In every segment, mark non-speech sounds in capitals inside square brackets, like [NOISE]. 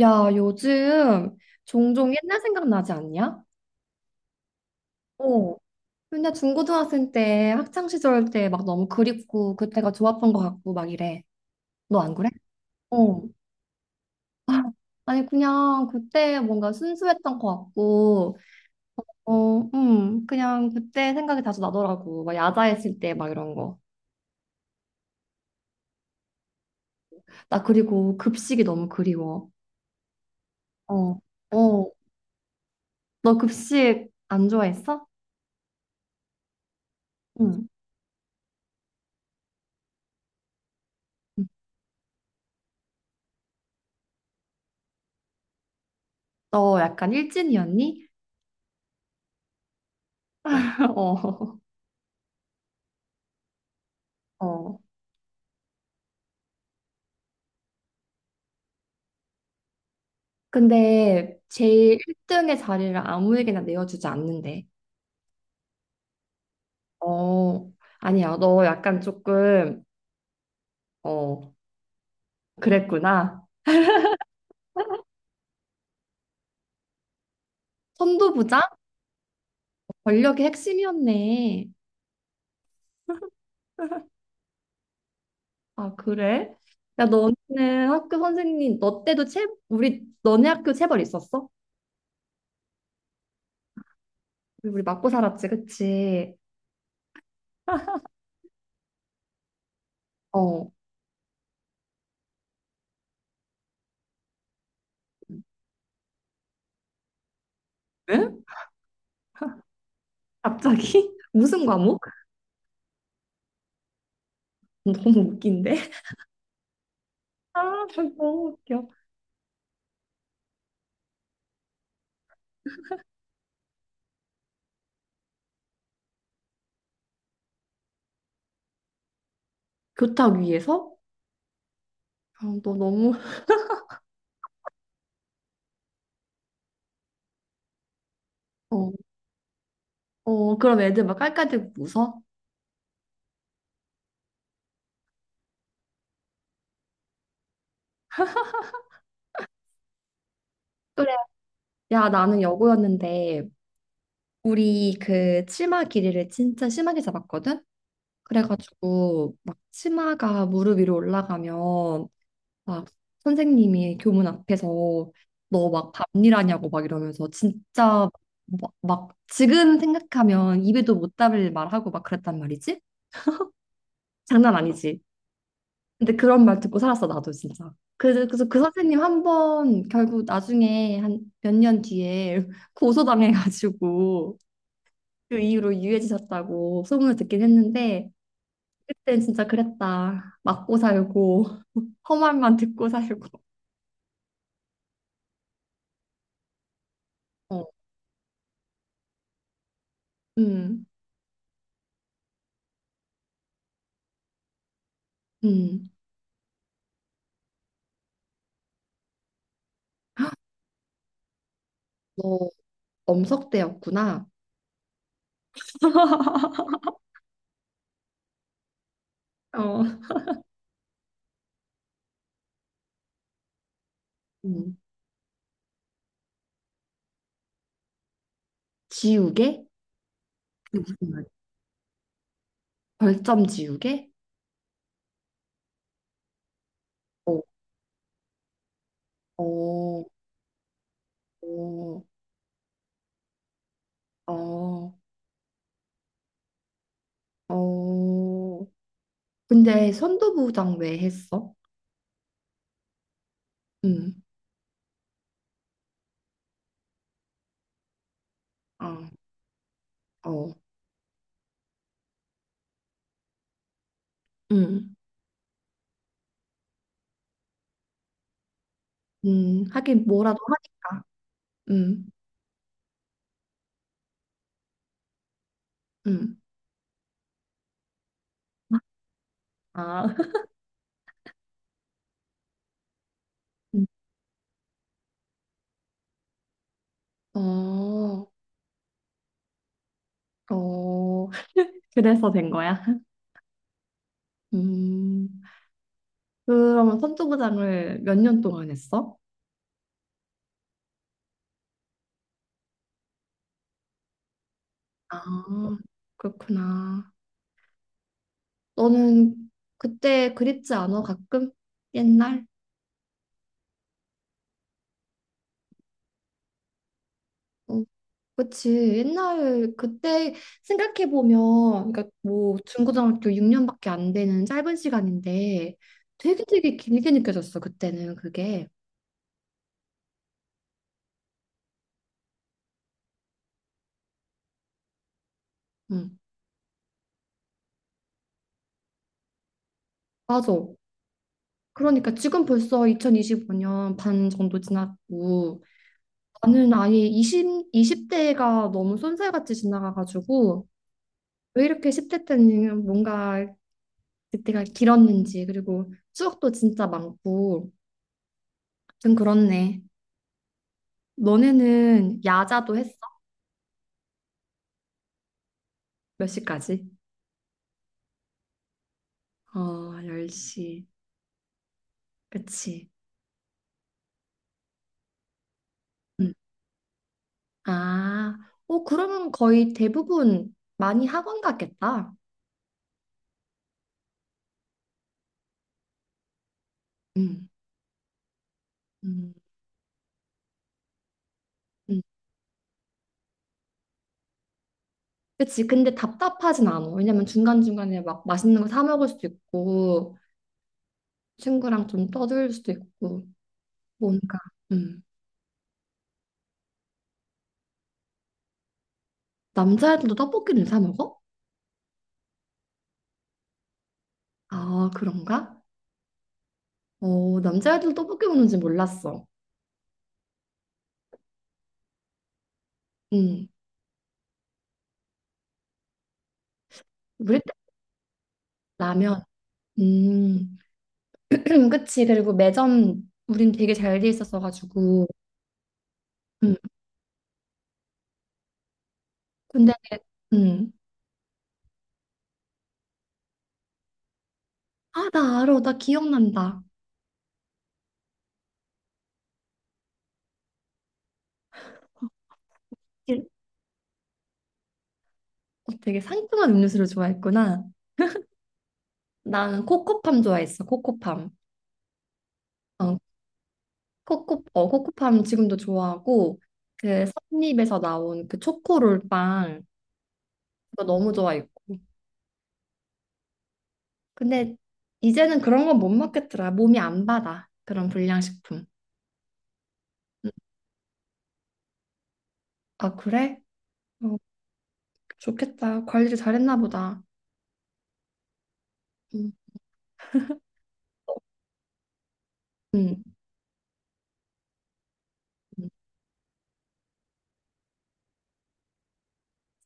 야, 요즘 종종 옛날 생각나지 않냐? 어. 맨날 중고등학생 때, 학창시절 때 막 너무 그립고, 그때가 좋았던 것 같고, 막 이래. 너 안 그래? 어. [LAUGHS] 아니, 그냥 그때 뭔가 순수했던 것 같고, 어, 그냥 그때 생각이 자주 나더라고. 막 야자했을 때 막 이런 거. 나 그리고 급식이 너무 그리워. 어, 어. 너 급식 안 좋아했어? 응. 응. 너 약간 일진이었니? [LAUGHS] 어. 어. 근데 제일 1등의 자리를 아무에게나 내어주지 않는데. 어, 아니야. 너 약간 조금, 어, 그랬구나. 선도부장? 권력의 핵심이었네. 아, 그래? 야, 너는 학교 선생님, 너 때도 체, 우리, 너네 학교 체벌 있었어? 우리 맞고 살았지, 그치? 어, 응? 갑자기? [LAUGHS] 무슨 과목? 너무 웃긴데? [LAUGHS] 아, 너무 웃겨. 교탁 위에서? 아, 너 너무, 어. 어, 그럼 애들 막 깔깔대고 웃어? 그래. 야, 나는 여고였는데 우리 그 치마 길이를 진짜 심하게 잡았거든? 그래가지고 막 치마가 무릎 위로 올라가면 막 선생님이 교문 앞에서 너 막 밤일하냐고 막 이러면서 진짜 막, 막 지금 생각하면 입에도 못 담을 말하고 막 그랬단 말이지? 장난 아니지? 근데 그런 말 듣고 살았어 나도 진짜. 그래서 그 선생님 한 번 결국 나중에 한 몇 년 뒤에 [LAUGHS] 고소당해가지고 그 이후로 유해지셨다고 소문을 듣긴 했는데 그땐 진짜 그랬다. 맞고 살고 [LAUGHS] 험한만 듣고 살고. 어, 음, 음. 너 엄석대였구나. 어, 음. 지우개? 무슨 말? 벌점 지우개? 어, 어, 어, 어, 어. 근데 선도부장 왜 했어? 음, 어, 어. 음, 하긴 뭐라도 하니까. 음, 음. 아, [LAUGHS] 음. 어, 어, [LAUGHS] 그래서 된 거야. 음, 그러면 선도부장을 몇 년 동안 했어? 아, 그렇구나. 너는 그때 그립지 않아? 가끔? 옛날? 어. 그치. 옛날 그때 생각해 보면, 그러니까 뭐 중고등학교 6년밖에 안 되는 짧은 시간인데 되게 되게 길게 느껴졌어 그때는 그게. 응, 맞아. 그러니까 지금 벌써 2025년 반 정도 지났고 나는 아예 20, 이십 대가 너무 쏜살같이 지나가가지고 왜 이렇게 10대 때는 뭔가 그때가 길었는지 그리고 추억도 진짜 많고 좀 그렇네. 너네는 야자도 했어? 몇 시까지? 어, 10시. 그치. 음. 아, 어, 그러면 거의 대부분 많이 학원 갔겠다. 음, 음, 음. 그치. 근데 답답하진 않아. 왜냐면 중간중간에 막 맛있는 거 사 먹을 수도 있고, 친구랑 좀 떠들 수도 있고, 뭔가. 음. 남자애들도 떡볶이를 사 먹어? 아, 그런가? 어, 남자애들도 떡볶이 먹는지 몰랐어. 음. 우리 때 라면. 음. [CLEARS THROAT] 그치. 그리고 매점 우린 되게 잘 돼 있었어가지고. 음. 근데 음. 아, 나 알아. 나 기억난다. 일- 어, 되게 상큼한 음료수를 좋아했구나. 난 코코팜 좋아했어. 코코팜. 어, 코코 어 코코팜 지금도 좋아하고 그 선립에서 나온 그 초코롤 빵 그거 너무 좋아했고. 근데 이제는 그런 건 못 먹겠더라. 몸이 안 받아. 그런 불량식품. 음. 아, 그래? 어, 좋겠다. 관리를 잘했나 보다. 음. 음. 음.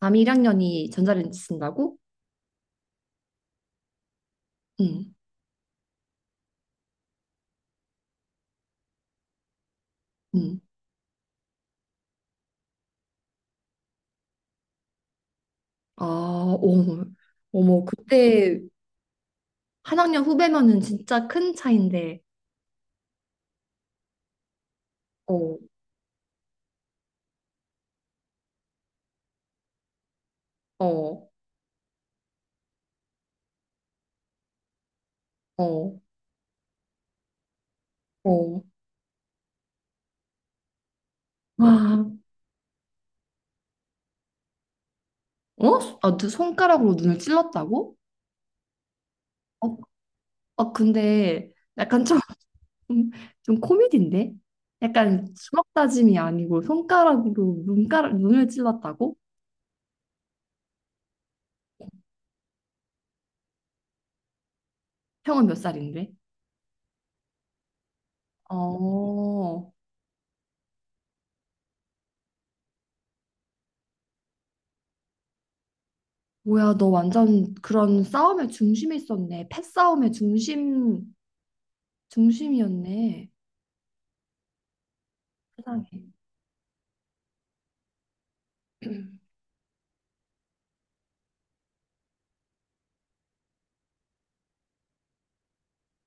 남이 1학년이 전자레인지 쓴다고? 응, 응. 아, 어머, 어머, 그때 한 학년 후배면은 진짜 큰 차인데, 어, 어, 어, 어. 와, 어? 아, 너 손가락으로 눈을 찔렀다고? 어, 어, 근데 약간 좀, [LAUGHS] 좀 코미디인데? 약간 주먹 다짐이 아니고 손가락으로 눈가락, 눈을 찔렀다고? 형은 몇 살인데? 어, 뭐야, 너 완전 그런 싸움의 중심에 있었네. 패싸움의 중심, 중심이었네. 세상에. [CLEARS THROAT]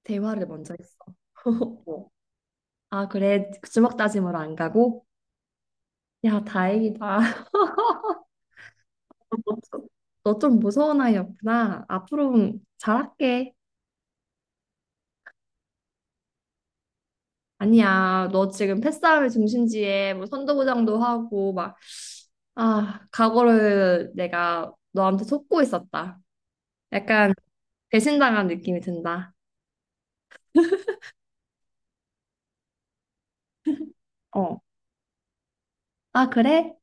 대화를 먼저 했어. [LAUGHS] 어. 아, 그래. 주먹 다짐으로 안 가고? 야, 다행이다. [LAUGHS] 너 좀 무서운 아이였구나. 앞으로 잘할게. 아니야, 너 지금 패싸움의 중심지에 뭐 선도부장도 하고 막, 아, 각오를 내가 너한테 속고 있었다. 약간 배신당한 느낌이 든다. 어. 아, 그래?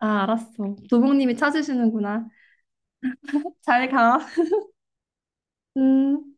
아, 알았어. 도봉님이 찾으시는구나. 잘 가. 음.